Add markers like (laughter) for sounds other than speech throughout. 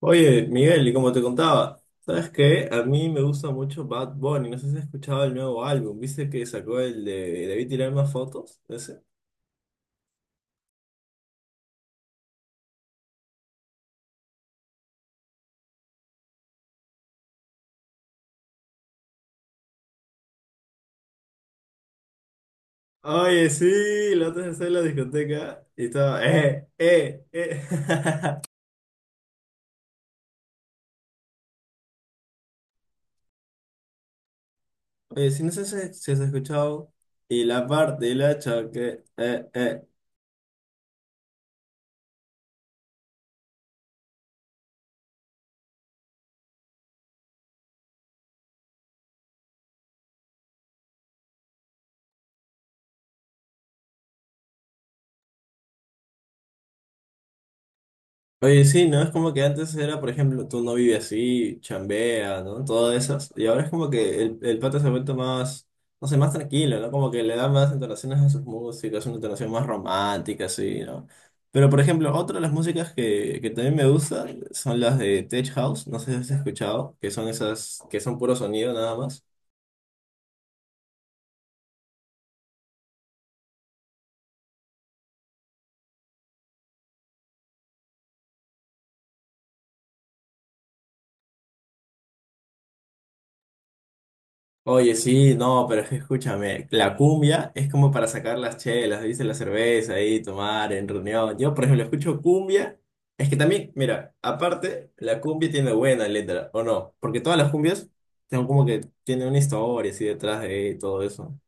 Oye, Miguel, y como te contaba, ¿sabes qué? A mí me gusta mucho Bad Bunny. No sé si has escuchado el nuevo álbum. ¿Viste que sacó el de Debí tirar más fotos? ¿Ese? Oye, sí, la otra vez estaba en la discoteca y estaba. (laughs) Oye, si no sé si has escuchado. Y la parte, y la choque. Oye, sí, ¿no? Es como que antes era, por ejemplo, tú no vives así, chambea, ¿no? Todas esas. Y ahora es como que el pata se ha vuelto más, no sé, más tranquilo, ¿no? Como que le da más entonaciones a sus músicas, una entonación más romántica, así, ¿no? Pero, por ejemplo, otra de las músicas que también me gusta son las de Tech House, no sé si has escuchado, que son esas, que son puro sonido nada más. Oye, sí, no, pero (laughs) es que escúchame, la cumbia es como para sacar las chelas, ¿viste? La cerveza ahí, tomar en reunión. Yo, por ejemplo, escucho cumbia. Es que también, mira, aparte, la cumbia tiene buena letra, ¿o no? Porque todas las cumbias son como que tienen una historia así detrás de y todo eso.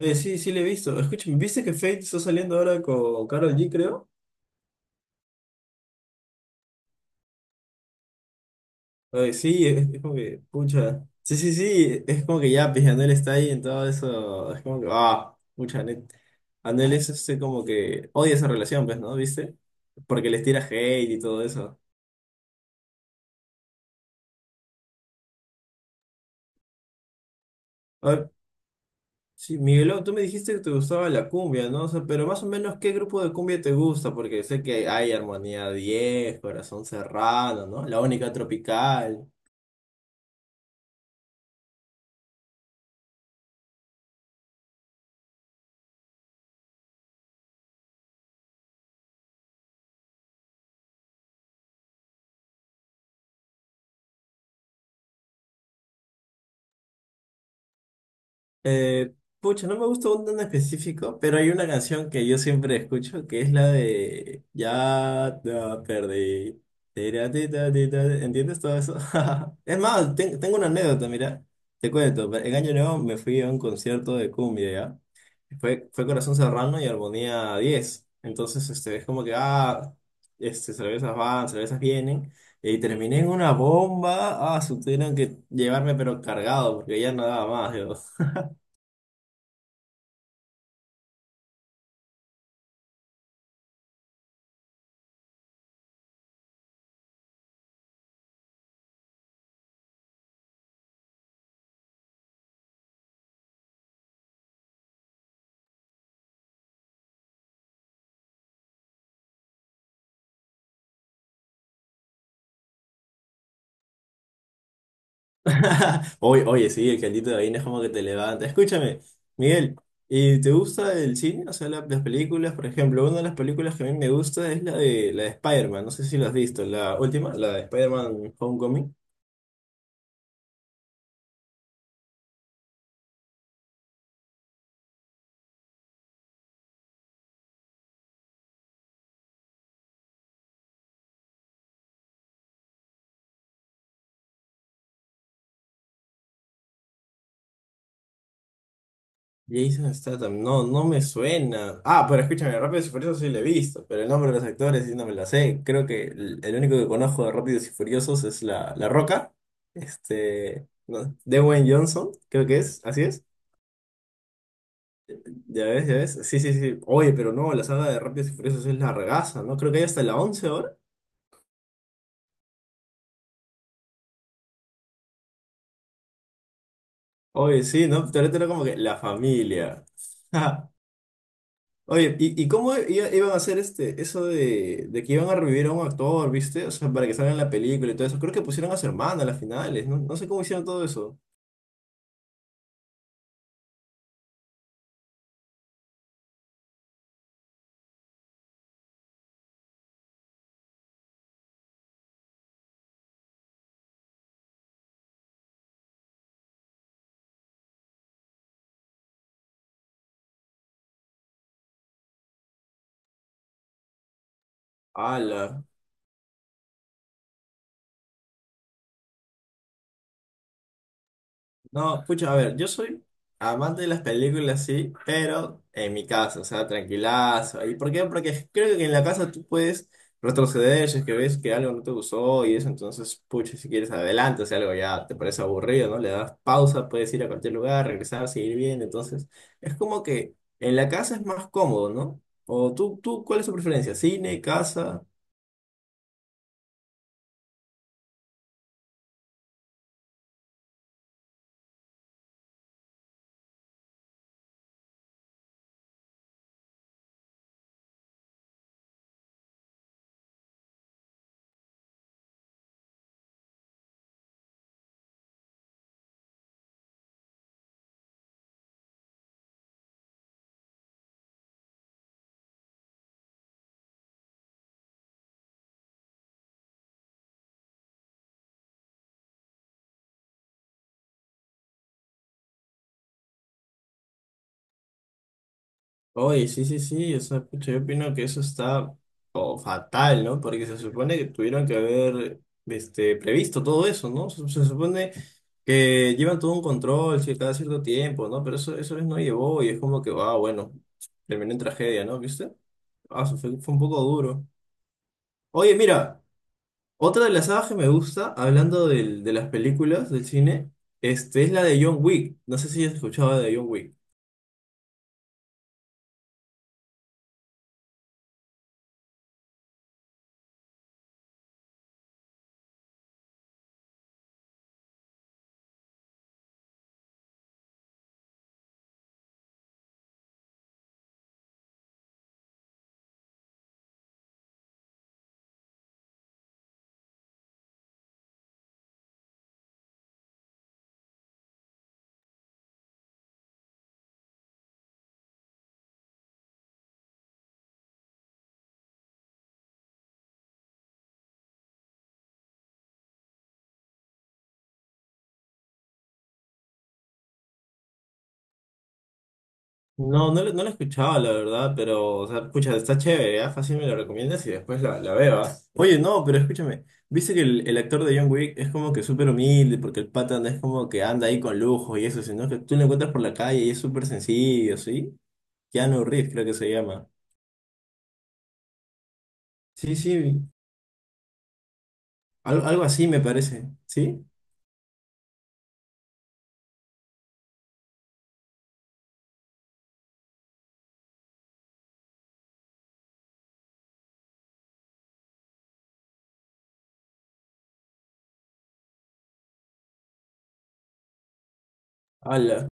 Sí, sí, le he visto. Escúchame, ¿viste que Fate está saliendo ahora con Karol G, creo? Oye, sí, es como que, pucha. Sí, sí, sí, es como que ya, pues Anuel está ahí en todo eso. Es como que, ah, pucha, Anuel es este como que odia esa relación, pues, ¿no? ¿Viste? Porque les tira hate y todo eso. A ver, sí, Miguelón, tú me dijiste que te gustaba la cumbia, ¿no? O sea, pero más o menos, ¿qué grupo de cumbia te gusta? Porque sé que hay Armonía 10, Corazón Serrano, ¿no? La Única Tropical. Eh, Pucha, no me gusta un en específico, pero hay una canción que yo siempre escucho que es la de Ya te perdí. Tira, ti, ta, ti, ta. ¿Entiendes todo eso? (laughs) Es más, tengo una anécdota, mira. Te cuento, en Año Nuevo me fui a un concierto de cumbia, ¿ya? Fue Corazón Serrano y Armonía 10. Entonces, es como que, ah, cervezas van, cervezas vienen. Y terminé en una bomba. Ah, tuvieron que llevarme pero cargado porque ya no daba más. (laughs) Oye, oye, sí, el cantito de gallina es como que te levanta. Escúchame, Miguel, ¿y te gusta el cine? O sea, las películas, por ejemplo, una de las películas que a mí me gusta es la de Spider-Man. No sé si la has visto, la última, la de Spider-Man Homecoming. Jason Statham, no, no me suena. Ah, pero escúchame, Rápidos y Furiosos sí la he visto, pero el nombre de los actores sí no me la sé. Creo que el único que conozco de Rápidos y Furiosos es la Roca, no, Dwayne Johnson, creo que es, así es. Ya ves, ya ves. Sí, sí, sí. Oye, pero no, la saga de Rápidos y Furiosos es la regaza, ¿no? Creo que hay hasta la 11 ahora. Oye, sí, ¿no? Pero ahorita era como que la familia. (laughs) Oye, ¿y cómo iban a hacer eso de que iban a revivir a un actor? ¿Viste? O sea, para que salga en la película y todo eso. Creo que pusieron a su hermana a las finales, ¿no? No sé cómo hicieron todo eso. ¡Hala! No, pucha, a ver, yo soy amante de las películas, sí, pero en mi casa, o sea, tranquilazo. ¿Y por qué? Porque creo que en la casa tú puedes retroceder si es que ves que algo no te gustó y eso, entonces, pucha, si quieres adelante, si algo ya te parece aburrido, ¿no? Le das pausa, puedes ir a cualquier lugar, regresar, seguir viendo, entonces, es como que en la casa es más cómodo, ¿no? O tú, ¿cuál es tu preferencia? ¿Cine, casa? Oye, sí, sí, sí, o sea, pucha, yo opino que eso está oh, fatal, ¿no? Porque se supone que tuvieron que haber previsto todo eso, ¿no? Se supone que llevan todo un control cada cierto tiempo, ¿no? Pero eso no llevó y es como que, ah, bueno, terminó en tragedia, ¿no? ¿Viste? Ah, eso fue un poco duro. Oye, mira, otra de las sagas que me gusta, hablando de las películas, del cine, es la de John Wick. No sé si has escuchado de John Wick. No, no, no la he escuchado, la verdad, pero, o sea, escucha está chévere, ¿ah? Fácil me lo recomiendas y después la veo, ¿ah? Oye, no, pero escúchame, viste que el actor de John Wick es como que súper humilde, porque el pata no es como que anda ahí con lujo y eso, sino que tú lo encuentras por la calle y es súper sencillo, ¿sí? Keanu Reeves creo que se llama. Sí, sí, algo así me parece, ¿sí? Hala,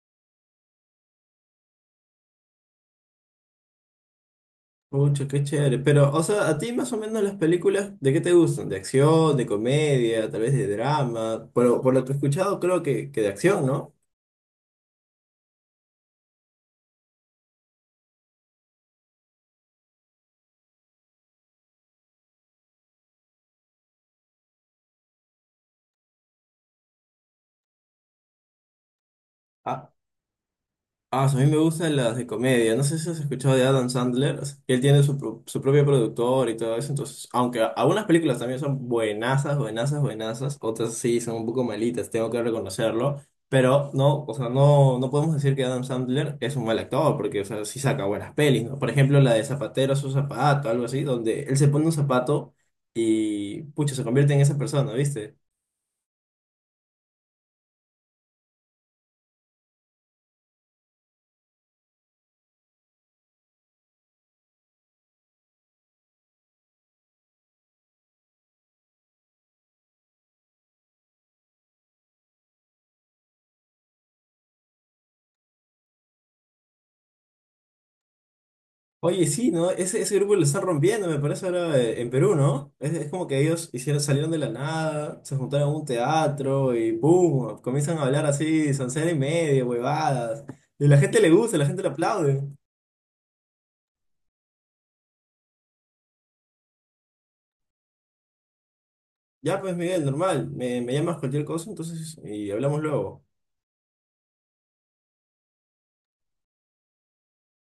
pucha, qué chévere. Pero, o sea, a ti más o menos las películas, ¿de qué te gustan? ¿De acción, de comedia, tal vez de drama? Pero por lo que he escuchado, creo que de acción, ¿no? Ah, a mí me gustan las de comedia. No sé si has escuchado de Adam Sandler. O sea, que él tiene su propio productor y todo eso. Entonces, aunque algunas películas también son buenazas, buenazas, buenazas. Otras sí son un poco malitas, tengo que reconocerlo. Pero no, o sea, no podemos decir que Adam Sandler es un mal actor, porque, o sea, sí saca buenas pelis, ¿no? Por ejemplo, la de Zapatero a su zapato, algo así, donde él se pone un zapato y, pucha, se convierte en esa persona, ¿viste? Oye, sí, ¿no? Ese grupo lo están rompiendo, me parece, ahora en Perú, ¿no? Es como que ellos hicieron, salieron de la nada, se juntaron a un teatro y ¡boom! Comienzan a hablar así, soncera y media, huevadas. Y la gente le gusta, la gente le aplaude. Ya, pues, Miguel, normal, me llamas cualquier cosa, entonces, y hablamos luego.